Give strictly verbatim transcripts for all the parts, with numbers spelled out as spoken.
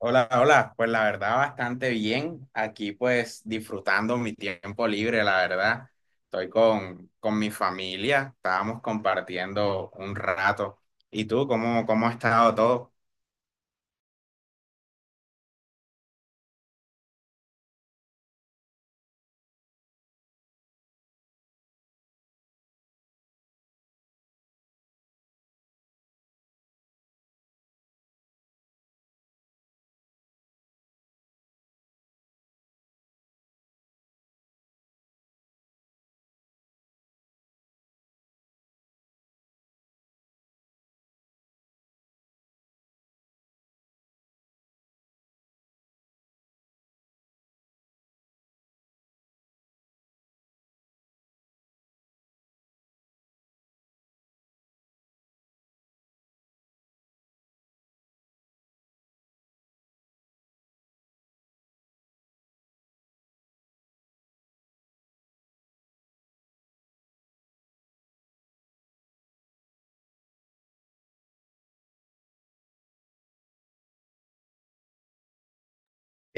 Hola, hola. Pues la verdad, bastante bien. Aquí pues disfrutando mi tiempo libre, la verdad. Estoy con, con mi familia, estábamos compartiendo un rato. ¿Y tú, cómo, cómo ha estado todo?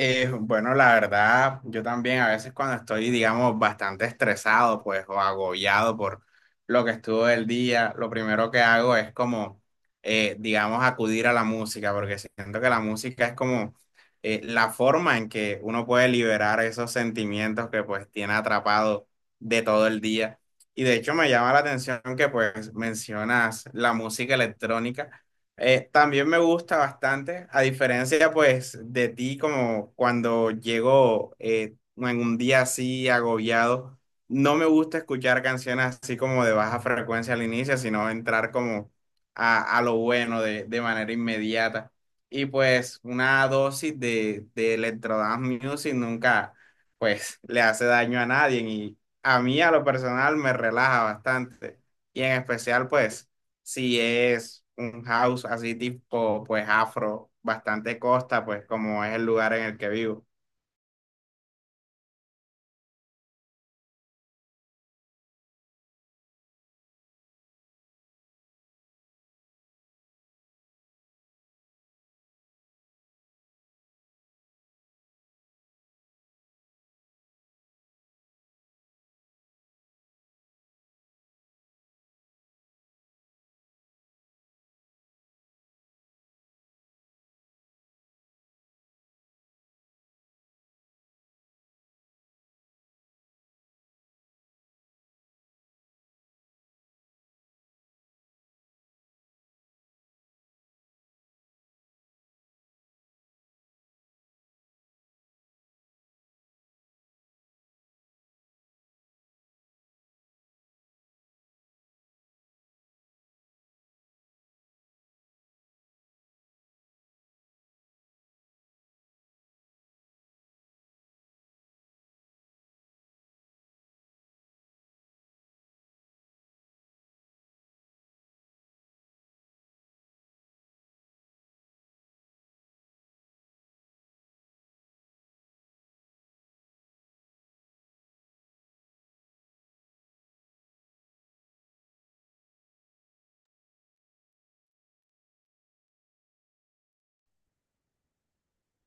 Eh, bueno, la verdad, yo también a veces cuando estoy, digamos, bastante estresado, pues, o agobiado por lo que estuvo el día, lo primero que hago es como, eh, digamos, acudir a la música, porque siento que la música es como eh, la forma en que uno puede liberar esos sentimientos que pues tiene atrapado de todo el día. Y de hecho me llama la atención que pues mencionas la música electrónica. Eh, también me gusta bastante, a diferencia pues de ti, como cuando llego eh, en un día así agobiado, no me gusta escuchar canciones así como de baja frecuencia al inicio, sino entrar como a, a lo bueno de, de manera inmediata. Y pues una dosis de, de electro dance music nunca pues le hace daño a nadie y a mí a lo personal me relaja bastante y en especial pues si es un house así tipo, pues afro, bastante costa, pues como es el lugar en el que vivo.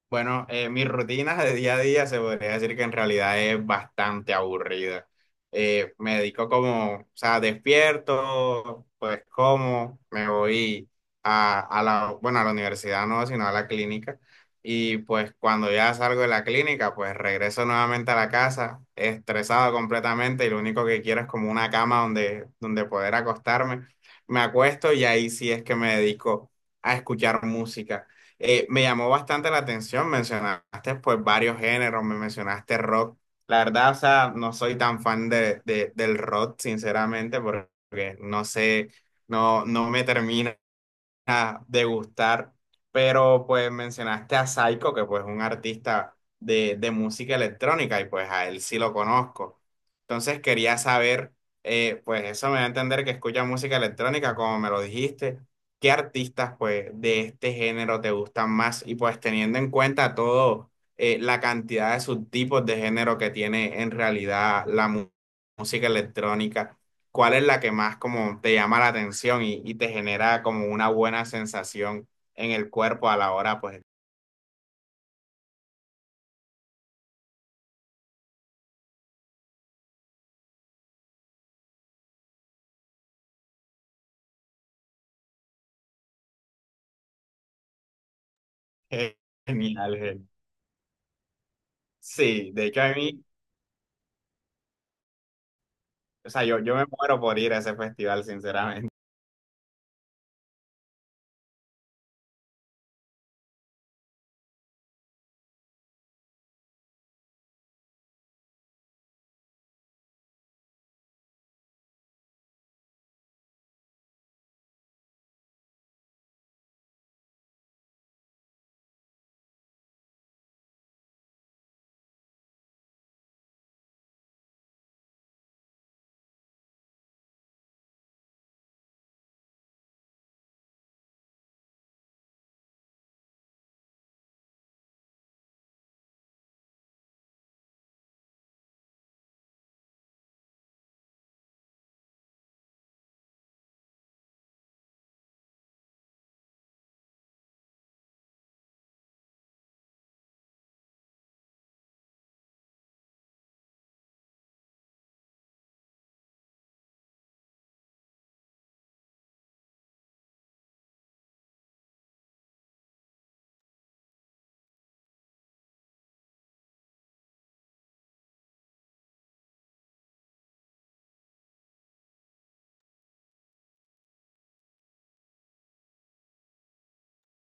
Bueno, eh, mi rutina de día a día se podría decir que en realidad es bastante aburrida. Eh, me dedico como, o sea, despierto, pues como, me voy a, a la, bueno, a la universidad no, sino a la clínica. Y pues cuando ya salgo de la clínica, pues regreso nuevamente a la casa, estresado completamente y lo único que quiero es como una cama donde, donde poder acostarme. Me acuesto y ahí sí es que me dedico a escuchar música, eh, me llamó bastante la atención, mencionaste pues varios géneros, me mencionaste rock. La verdad, o sea, no soy tan fan de, de- del rock, sinceramente, porque no sé, no, no me termina a degustar, pero pues mencionaste a Saiko, que pues es un artista de, de música electrónica y pues a él sí lo conozco. Entonces quería saber, eh, pues eso me da a entender que escucha música electrónica, como me lo dijiste, ¿qué artistas pues de este género te gustan más? Y pues teniendo en cuenta todo, eh, la cantidad de subtipos de género que tiene en realidad la mu- música electrónica. ¿Cuál es la que más como te llama la atención y, y te genera como una buena sensación en el cuerpo a la hora? Pues genial, genial. Sí, de hecho a mí, o sea, yo, yo me muero por ir a ese festival, sinceramente.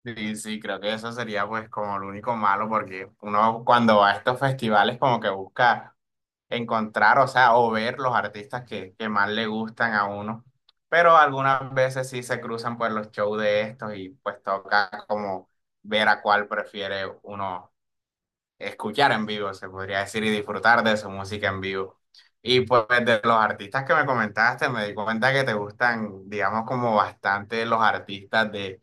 Sí, sí, creo que eso sería pues como lo único malo porque uno cuando va a estos festivales como que busca encontrar, o sea, o ver los artistas que, que más le gustan a uno. Pero algunas veces sí se cruzan por los shows de estos y pues toca como ver a cuál prefiere uno escuchar en vivo, se podría decir, y disfrutar de su música en vivo. Y pues de los artistas que me comentaste, me di cuenta que te gustan, digamos, como bastante los artistas de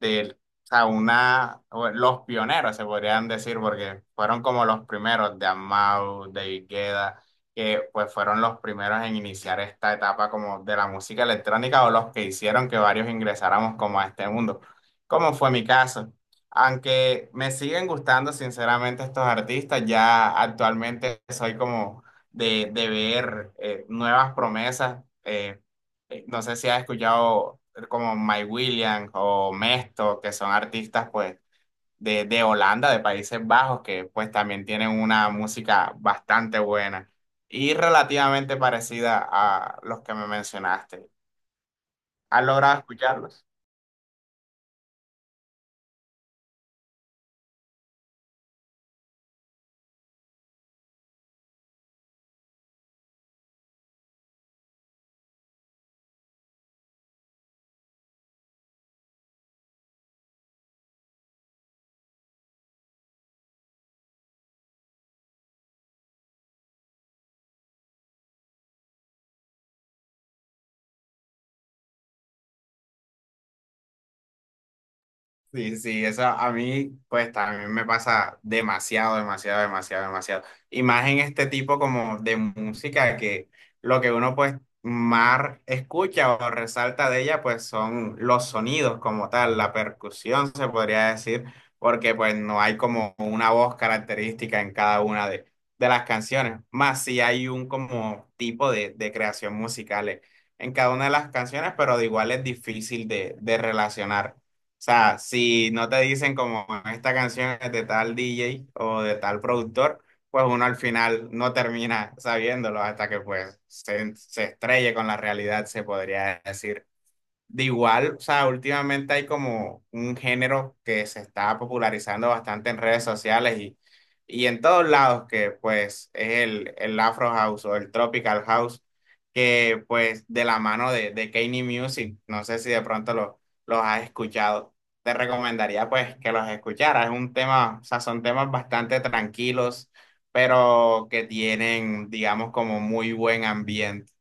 de él. O sea, una, o los pioneros se podrían decir, porque fueron como los primeros de Amau, de Guetta, que pues fueron los primeros en iniciar esta etapa como de la música electrónica o los que hicieron que varios ingresáramos como a este mundo, como fue mi caso. Aunque me siguen gustando sinceramente estos artistas, ya actualmente soy como de, de ver eh, nuevas promesas. eh, eh, No sé si has escuchado como Mike Williams o Mesto, que son artistas pues de, de Holanda, de Países Bajos, que pues también tienen una música bastante buena y relativamente parecida a los que me mencionaste. ¿Has logrado escucharlos? Sí, sí, eso a mí, pues también me pasa demasiado, demasiado, demasiado, demasiado. Y más en este tipo como de música que lo que uno pues más escucha o resalta de ella pues son los sonidos como tal, la percusión se podría decir, porque pues no hay como una voz característica en cada una de, de las canciones, más si hay un como tipo de, de creación musical en cada una de las canciones, pero de igual es difícil de, de relacionar. O sea, si no te dicen como esta canción es de tal D J o de tal productor, pues uno al final no termina sabiéndolo hasta que pues se, se estrelle con la realidad, se podría decir. De igual, o sea, últimamente hay como un género que se está popularizando bastante en redes sociales y, y en todos lados, que pues es el, el Afro House o el Tropical House, que pues de la mano de, de Kanye Music, no sé si de pronto lo- los has escuchado, te recomendaría pues que los escucharas, es un tema, o sea, son temas bastante tranquilos, pero que tienen, digamos, como muy buen ambiente.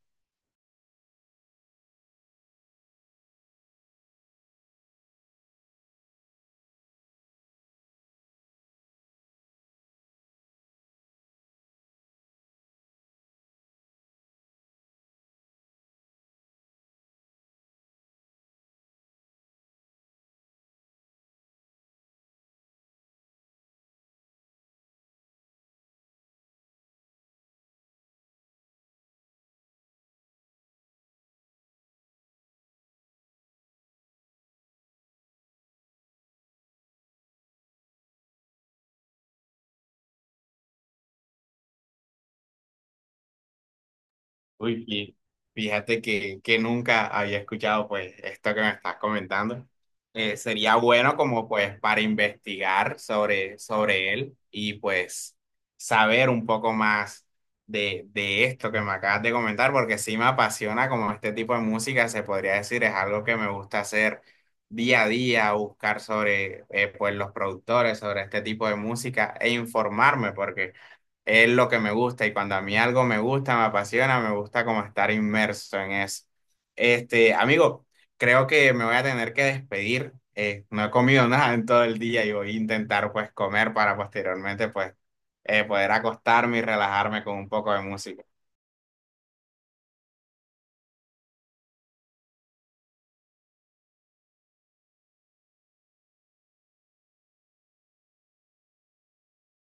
Uy, y fíjate que, que nunca había escuchado pues esto que me estás comentando. Eh, sería bueno como pues para investigar sobre, sobre él y pues saber un poco más de, de esto que me acabas de comentar, porque sí me apasiona como este tipo de música, se podría decir, es algo que me gusta hacer día a día, buscar sobre eh, pues los productores, sobre este tipo de música e informarme, porque es lo que me gusta y cuando a mí algo me gusta, me apasiona, me gusta como estar inmerso en eso. Este, amigo, creo que me voy a tener que despedir. Eh, no he comido nada en todo el día y voy a intentar pues comer para posteriormente pues eh, poder acostarme y relajarme con un poco de música.